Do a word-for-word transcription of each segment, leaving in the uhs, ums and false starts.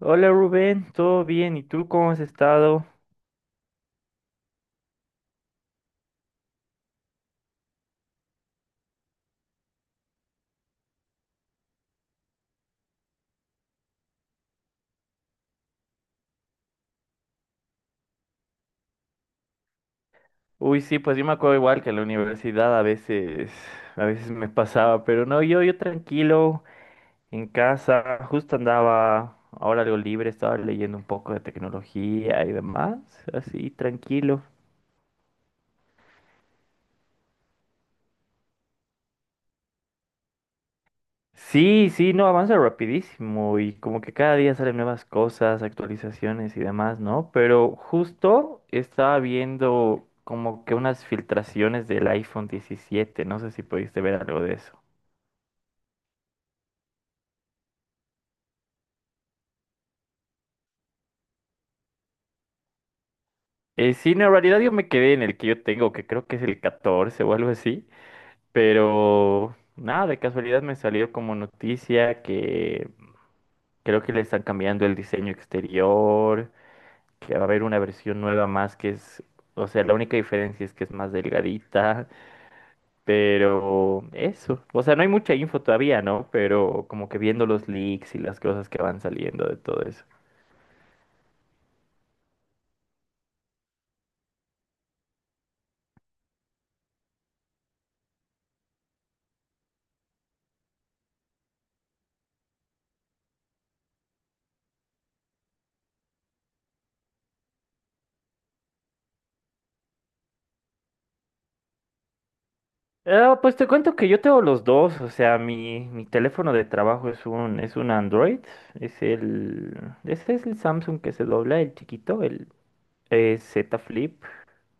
Hola Rubén, ¿todo bien? ¿Y tú cómo has estado? Uy, sí, pues yo me acuerdo igual que en la universidad a veces, a veces me pasaba, pero no, yo, yo tranquilo, en casa, justo andaba, ahora algo libre, estaba leyendo un poco de tecnología y demás, así tranquilo. Sí, sí, no, avanza rapidísimo y como que cada día salen nuevas cosas, actualizaciones y demás, ¿no? Pero justo estaba viendo como que unas filtraciones del iPhone diecisiete, no sé si pudiste ver algo de eso. Eh, sí, no, en realidad yo me quedé en el que yo tengo, que creo que es el catorce o algo así, pero nada, de casualidad me salió como noticia que creo que le están cambiando el diseño exterior, que va a haber una versión nueva más que es, o sea, la única diferencia es que es más delgadita, pero eso, o sea, no hay mucha info todavía, ¿no? Pero como que viendo los leaks y las cosas que van saliendo de todo eso. Ah, pues te cuento que yo tengo los dos, o sea, mi, mi teléfono de trabajo es un, es un Android, es el, ese es el Samsung que se dobla, el chiquito, el eh, Z Flip,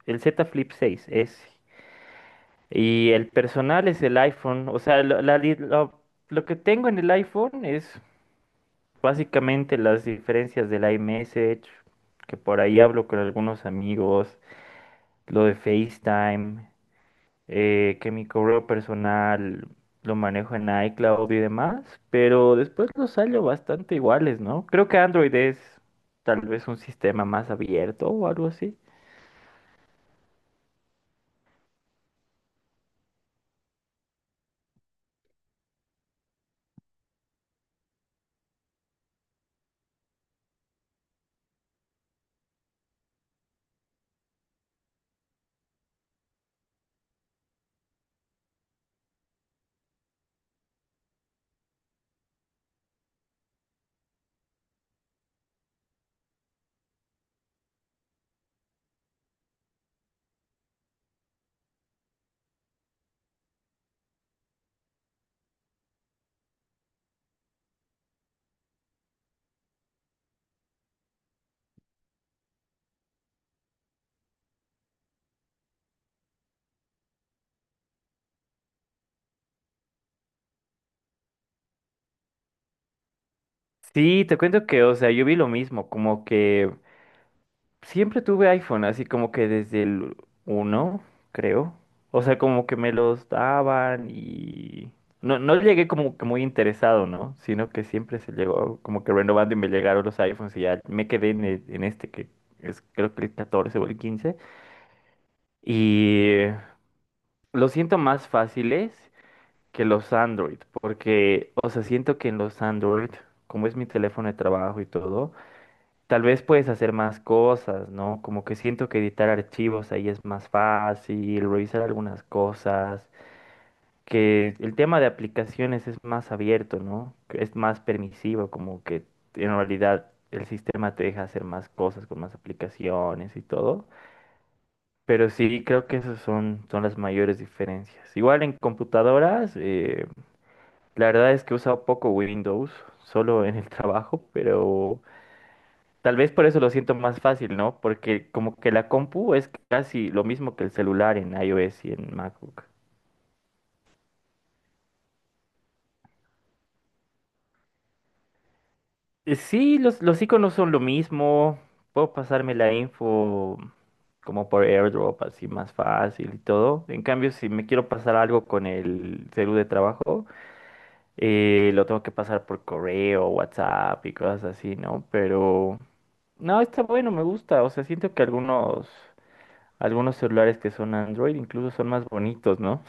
el Z Flip seis ese. Y el personal es el iPhone. O sea, lo, la di- lo- lo que tengo en el iPhone es básicamente las diferencias del iMessage, que por ahí hablo con algunos amigos, lo de FaceTime, eh, que mi correo personal lo manejo en iCloud y demás, pero después los salió bastante iguales, ¿no? Creo que Android es tal vez un sistema más abierto o algo así. Sí, te cuento que, o sea, yo vi lo mismo, como que... Siempre tuve iPhone, así como que desde el uno creo. O sea, como que me los daban y... No, no llegué como que muy interesado, ¿no? Sino que siempre se llegó como que renovando y me llegaron los iPhones y ya me quedé en, el- en este que es creo que el catorce o el quince. Y lo siento más fáciles que los Android, porque, o sea, siento que en los Android, como es mi teléfono de trabajo y todo, tal vez puedes hacer más cosas, ¿no? Como que siento que editar archivos ahí es más fácil, revisar algunas cosas, que el tema de aplicaciones es más abierto, ¿no? Que es más permisivo, como que en realidad el sistema te deja hacer más cosas con más aplicaciones y todo. Pero sí, creo que esas son, son las mayores diferencias. Igual en computadoras, eh, la verdad es que he usado poco Windows, solo en el trabajo, pero... Tal vez por eso lo siento más fácil, ¿no? Porque como que la compu es casi lo mismo que el celular en iOS y en MacBook. Eh, Sí, los, los iconos son lo mismo. Puedo pasarme la info como por AirDrop, así más fácil y todo. En cambio, si me quiero pasar algo con el celu de trabajo, eh, lo tengo que pasar por correo, WhatsApp y cosas así, ¿no? Pero no, está bueno, me gusta. O sea, siento que algunos, algunos celulares que son Android incluso son más bonitos, ¿no?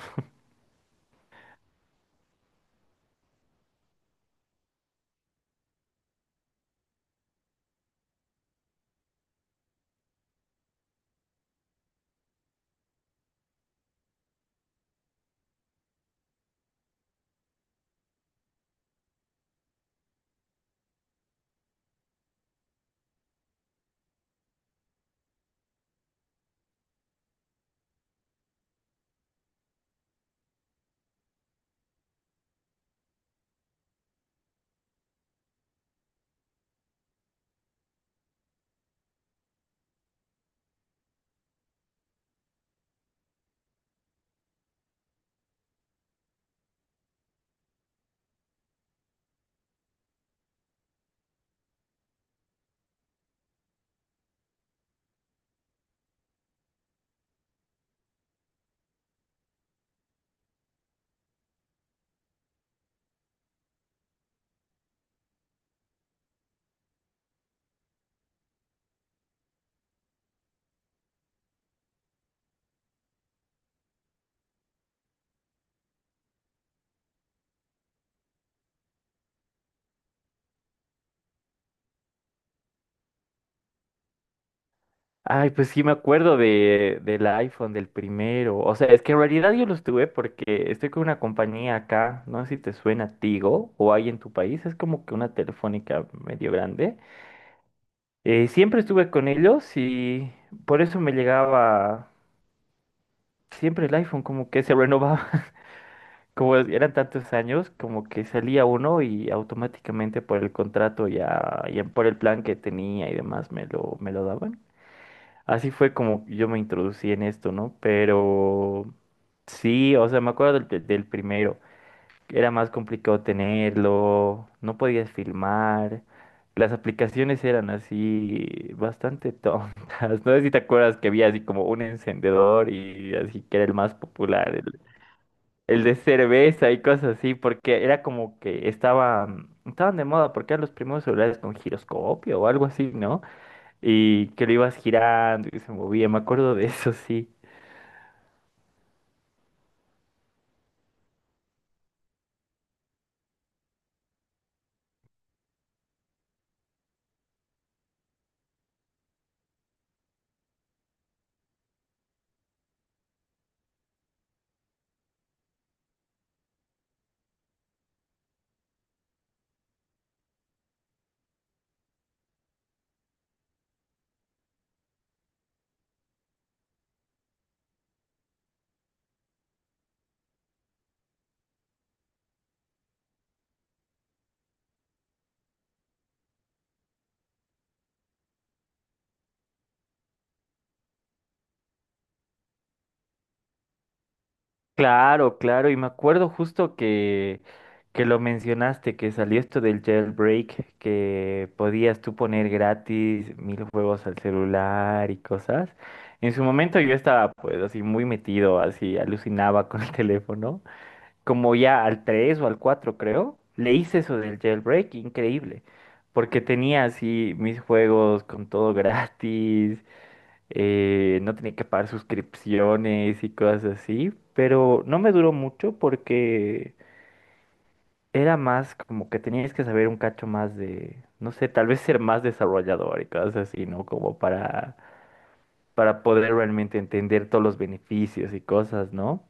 Ay, pues sí me acuerdo de, del iPhone, del primero. O sea, es que en realidad yo los tuve porque estoy con una compañía acá, no sé si te suena Tigo o hay en tu país, es como que una telefónica medio grande. Eh, siempre estuve con ellos y por eso me llegaba siempre el iPhone, como que se renovaba, como eran tantos años, como que salía uno y automáticamente por el contrato ya, ya por el plan que tenía y demás me lo, me lo daban. Así fue como yo me introducí en esto, ¿no? Pero sí, o sea, me acuerdo del, pri- del primero. Era más complicado tenerlo, no podías filmar. Las aplicaciones eran así bastante tontas. No sé si te acuerdas que había así como un encendedor y así que era el más popular, el, el de cerveza y cosas así, porque era como que estaba, mm, estaban de moda, porque eran los primeros celulares con giroscopio o algo así, ¿no? Y que lo ibas girando y se movía. Me acuerdo de eso, sí. Claro, claro, y me acuerdo justo que, que lo mencionaste, que salió esto del jailbreak, que podías tú poner gratis mil juegos al celular y cosas. En su momento yo estaba pues así muy metido, así alucinaba con el teléfono, como ya al tres o al cuatro creo, le hice eso del jailbreak, increíble, porque tenía así mis juegos con todo gratis. Eh, no tenía que pagar suscripciones y cosas así, pero no me duró mucho porque era más como que tenías que saber un cacho más de, no sé, tal vez ser más desarrollador y cosas así, ¿no? Como para, para poder realmente entender todos los beneficios y cosas, ¿no?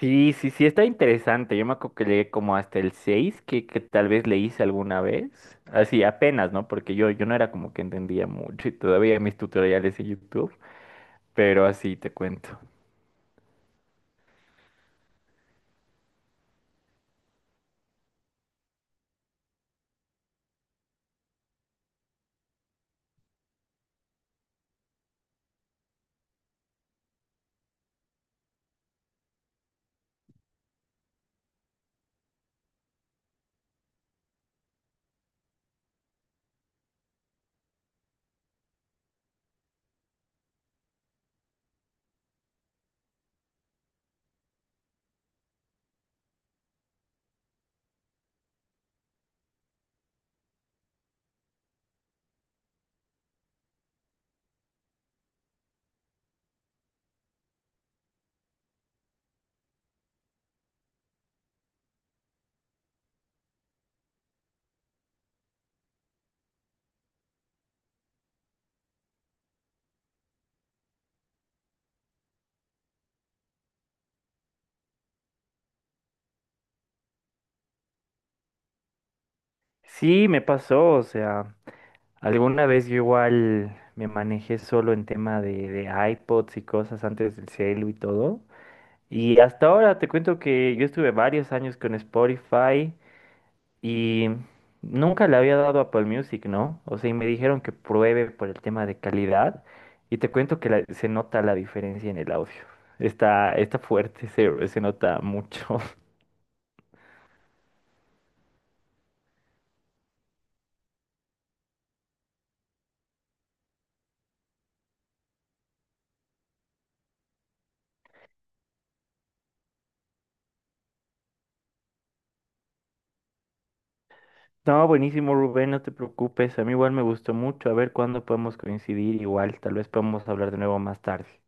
Sí, sí, sí, está interesante. Yo me acuerdo que llegué como hasta el seis que, que tal vez le hice alguna vez. Así, apenas, ¿no? Porque yo, yo no era como que entendía mucho y todavía mis tutoriales en YouTube. Pero así te cuento. Sí, me pasó, o sea, alguna vez yo igual me manejé solo en tema de, de iPods y cosas antes del celu y todo. Y hasta ahora te cuento que yo estuve varios años con Spotify y nunca le había dado Apple Music, ¿no? O sea, y me dijeron que pruebe por el tema de calidad y te cuento que la- se nota la diferencia en el audio. Está, está fuerte, se, se nota mucho. No, buenísimo, Rubén, no te preocupes. A mí igual me gustó mucho. A ver cuándo podemos coincidir. Igual, tal vez podemos hablar de nuevo más tarde.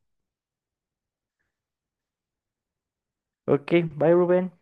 Ok, bye, Rubén.